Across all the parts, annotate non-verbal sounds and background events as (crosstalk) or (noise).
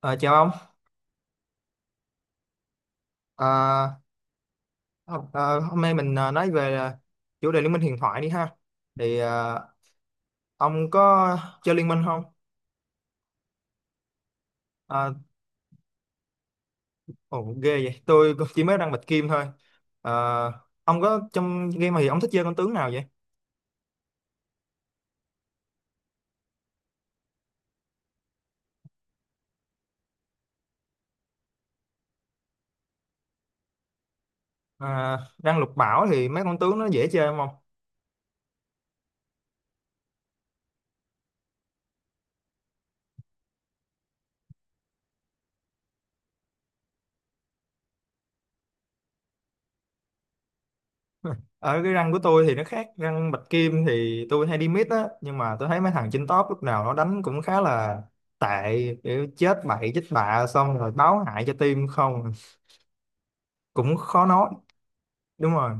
Ờ, Chào ông. Ờ, Hôm nay mình nói về chủ đề Liên minh huyền thoại đi ha. Thì ờ, ông có chơi Liên minh không? Ờ, Ồ, ghê vậy, tôi cũng chỉ mới đang bạch kim thôi. Ờ, ông có trong game thì ông thích chơi con tướng nào vậy? Ờ, Răng lục bảo thì mấy con tướng nó dễ chơi không ông? (laughs) Ở cái răng của tôi thì nó khác, răng bạch kim thì tôi hay đi mid á, nhưng mà tôi thấy mấy thằng trên top lúc nào nó đánh cũng khá là tệ, kiểu chết bậy chết bạ xong rồi báo hại cho team. Không cũng khó nói. Đúng rồi,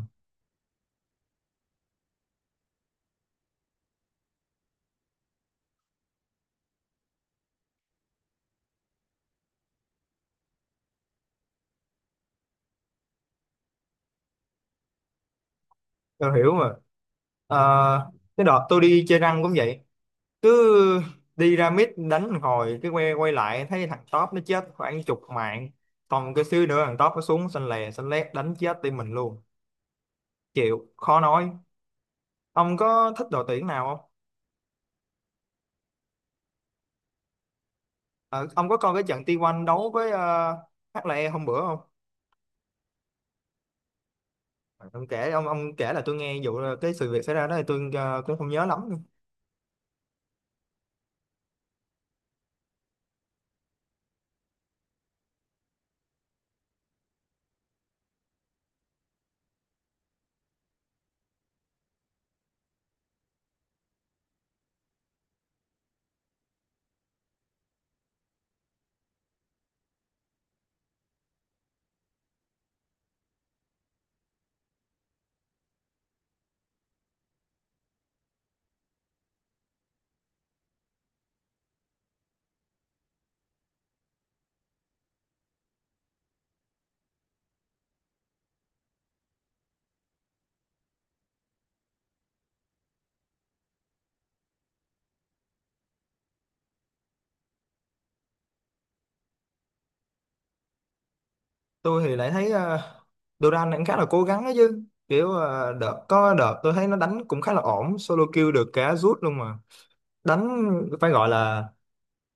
tôi hiểu mà. Ờ, cái đợt tôi đi chơi răng cũng vậy, cứ đi ra mid đánh một hồi cái quay quay lại thấy thằng top nó chết khoảng chục mạng, còn cái xíu nữa thằng top nó xuống xanh lè xanh lét đánh chết team mình luôn. Chịu khó nói. Ông có thích đội tuyển nào không? Ờ, ông có coi cái trận T1 đấu với HLE hôm bữa không? Ờ, ông kể, ông kể là tôi nghe vụ cái sự việc xảy ra đó, thì tôi cũng không nhớ lắm. Tôi thì lại thấy Duran cũng khá là cố gắng ấy chứ, kiểu đợt có đợt tôi thấy nó đánh cũng khá là ổn, solo kill được cả rút luôn mà. Đánh phải gọi là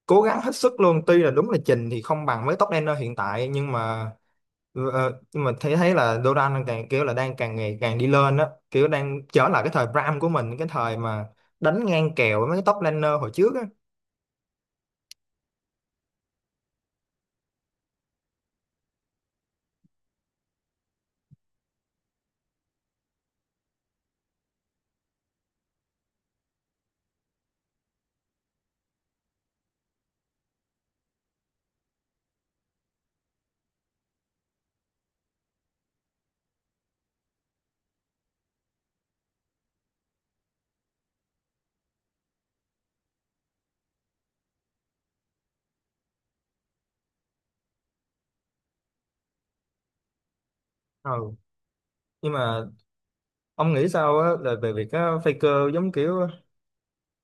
cố gắng hết sức luôn, tuy là đúng là trình thì không bằng với top laner hiện tại, nhưng mà nhưng mà thấy thấy là Duran càng kiểu là đang càng ngày càng đi lên á, kiểu đang trở lại cái thời Bram của mình, cái thời mà đánh ngang kèo với mấy cái top laner hồi trước á. Ừ, nhưng mà ông nghĩ sao á, là về việc á, Faker giống kiểu,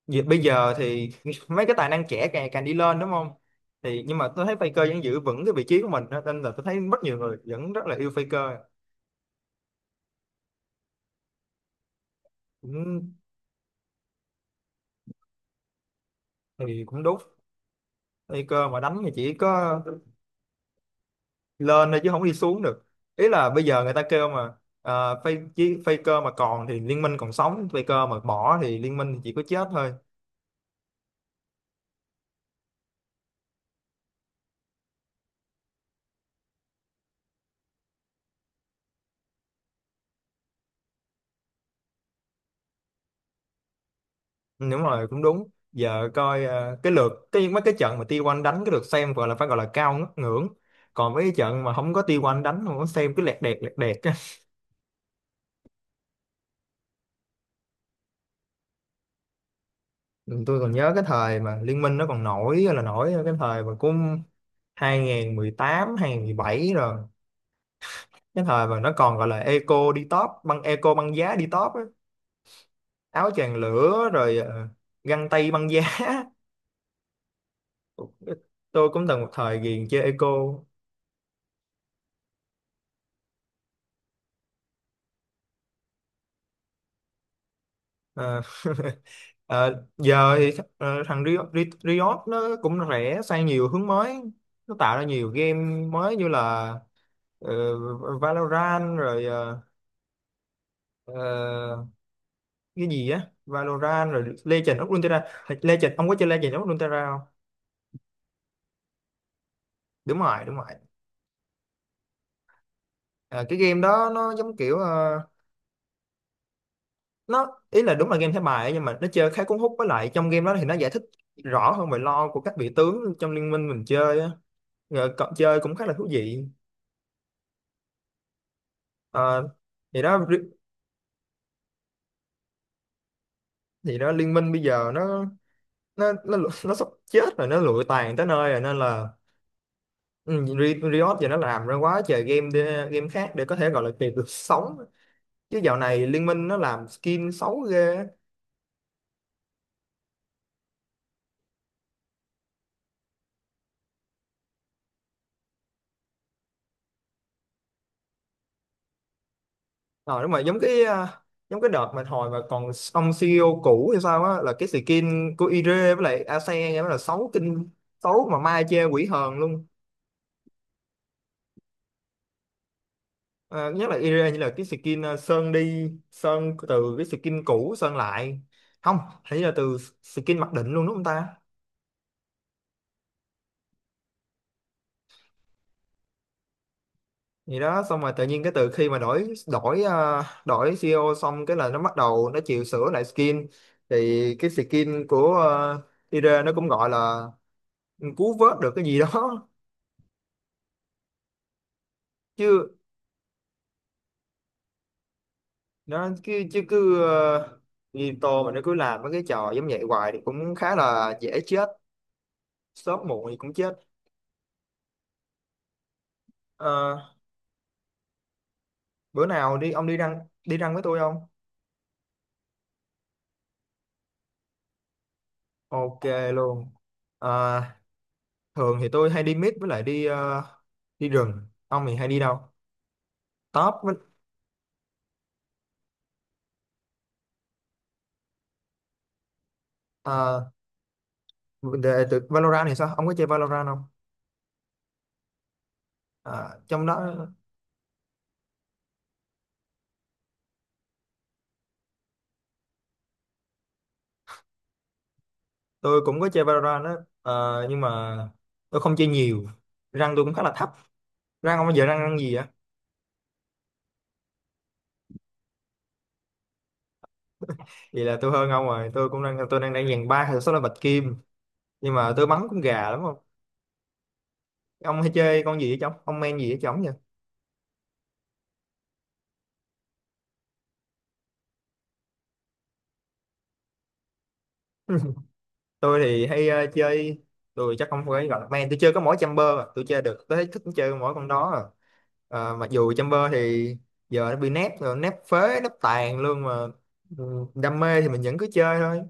vì bây giờ thì (laughs) mấy cái tài năng trẻ càng càng đi lên đúng không? Thì nhưng mà tôi thấy Faker vẫn giữ vững cái vị trí của mình á, nên là tôi thấy rất nhiều người vẫn rất là yêu Faker. Cũng thì cũng đúng, Faker mà đánh thì chỉ có lên thôi chứ không đi xuống được. Ý là bây giờ người ta kêu mà, Faker mà còn thì liên minh còn sống, Faker mà bỏ thì liên minh thì chỉ có chết thôi. Ừ, đúng rồi, cũng đúng, giờ coi cái lượt cái mấy cái trận mà T1 đánh cái lượt xem gọi là phải gọi là cao ngất ngưỡng, còn mấy cái trận mà không có T1 đánh không có xem, cứ lẹt đẹt á. Ừ, tôi còn nhớ cái thời mà Liên minh nó còn nổi là nổi, cái thời mà cũng 2018 bảy rồi, cái thời mà nó còn gọi là eco đi top, băng eco băng giá đi top á, áo choàng lửa rồi găng tay băng giá. (laughs) Tôi cũng từng một thời ghiền chơi eco. Ờ. (laughs) Ờ, Giờ thì thằng Riot, Riot nó cũng rẽ sang nhiều hướng mới, nó tạo ra nhiều game mới như là ờ, Valorant, rồi ờ, cái gì á, Valorant rồi Legend of Runeterra. Legend, ông có chơi Legend of Runeterra không? Đúng rồi, đúng rồi. Ờ, cái game đó nó giống kiểu nó ý là đúng là game thẻ bài ấy, nhưng mà nó chơi khá cuốn hút, với lại trong game đó thì nó giải thích rõ hơn về lore của các vị tướng trong liên minh mình chơi á, rồi cậu chơi cũng khá là thú vị. Ờ, thì đó, thì đó, liên minh bây giờ nó nó nó sắp chết rồi, nó lụi tàn tới nơi rồi, nên là ừ, Riot giờ nó làm ra quá trời game để, game khác để có thể gọi là kịp được sống, chứ dạo này liên minh nó làm skin xấu ghê. Rồi đúng rồi, giống cái à, giống cái đợt mà hồi mà còn ông CEO cũ hay sao á, là cái skin của Ire với lại Ase nghe mới là xấu kinh, xấu mà mai chê quỷ hờn luôn. À, nhất là area, như là cái skin sơn đi sơn từ cái skin cũ sơn lại không, hình như là từ skin mặc định luôn đúng không ta, gì đó, xong rồi tự nhiên cái từ khi mà đổi đổi ờ, đổi CEO xong cái là nó bắt đầu nó chịu sửa lại skin, thì cái skin của area nó cũng gọi là cứu vớt được cái gì đó. (laughs) Chứ nó chứ, như mà nó cứ làm mấy cái trò giống vậy hoài thì cũng khá là dễ chết, sớm muộn thì cũng chết. Ờ, Bữa nào đi ông, đi răng, đi răng với tôi không? Ok luôn. À, thường thì tôi hay đi mít, với lại đi rừng, ông thì hay đi đâu, top với? À, về từ Valorant thì sao, ông có chơi Valorant không? À, trong đó tôi cũng có chơi Valorant đó. Ờ, nhưng mà tôi không chơi nhiều, răng tôi cũng khá là thấp. Răng ông bây giờ răng răng gì vậy? Vậy là tôi hơn ông rồi, tôi cũng đang, tôi đang đang dàn ba hay số là bạch kim, nhưng mà tôi bắn cũng gà lắm không. Ông hay chơi con gì vậy chồng, ông men gì vậy chồng vậy? Tôi thì hay chơi, tôi chắc không phải gọi là main, tôi chơi có mỗi Chamber à, tôi chơi được, tôi thấy thích chơi mỗi con đó à. Ờ, mặc dù Chamber thì giờ nó bị nép rồi, nép phế nép tàn luôn mà ừ, đam mê thì mình vẫn cứ chơi thôi.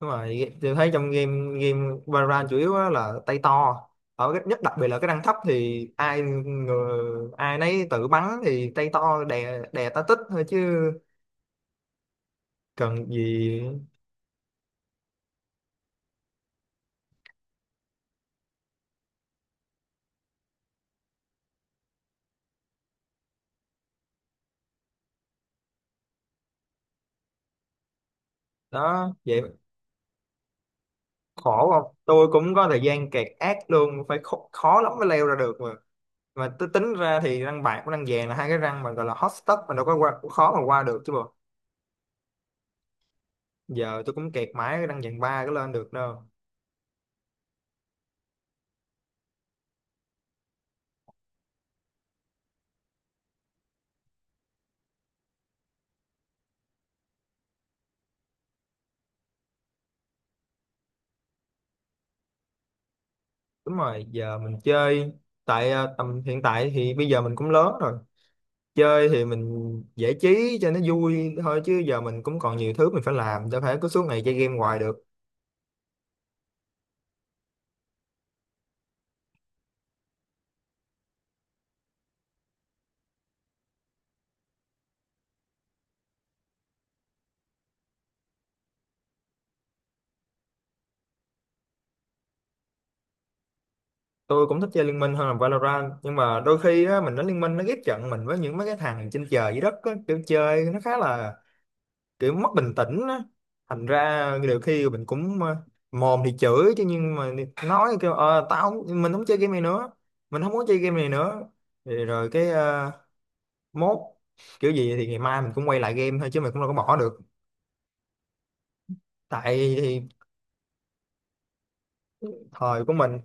Đúng rồi, tôi thấy trong game game Valorant chủ yếu á là tay to, ở cái, nhất đặc biệt là cái rank thấp thì ai người, ai nấy tự bắn thì tay to đè đè tá tích thôi, chứ cần gì. Đó vậy. Khổ không, tôi cũng có thời gian kẹt ác luôn, phải khó, khó lắm mới leo ra được mà. Mà tôi tính ra thì răng bạc với răng vàng là hai cái răng mà gọi là hot stuff, mà đâu có qua, cũng khó mà qua được chứ bộ, giờ tôi cũng kẹt mãi cái răng vàng ba cái lên được đâu. Đúng rồi, giờ mình chơi tại tầm hiện tại thì bây giờ mình cũng lớn rồi, chơi thì mình giải trí cho nó vui thôi, chứ giờ mình cũng còn nhiều thứ mình phải làm, đâu phải cứ suốt ngày chơi game hoài được. Tôi cũng thích chơi Liên Minh hơn là Valorant, nhưng mà đôi khi á, mình đánh Liên Minh nó ghép trận mình với những mấy cái thằng trên trời dưới đất á, kiểu chơi nó khá là kiểu mất bình tĩnh á, thành ra nhiều khi mình cũng mồm thì chửi chứ, nhưng mà nói kêu ờ tao không, mình không chơi game này nữa, mình không muốn chơi game này nữa, thì rồi mốt, kiểu gì thì ngày mai mình cũng quay lại game thôi, chứ mình cũng đâu có bỏ được, tại thì thời của mình.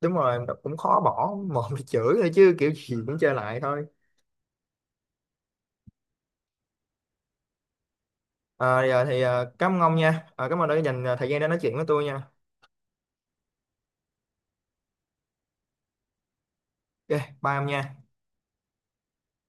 Đúng rồi, cũng khó bỏ, mồm thì chửi thôi chứ kiểu gì cũng chơi lại thôi. À, giờ thì à, cảm ơn ông nha. À, cảm ơn đã dành à, thời gian để nói chuyện với tôi nha. Ok, bye ông nha.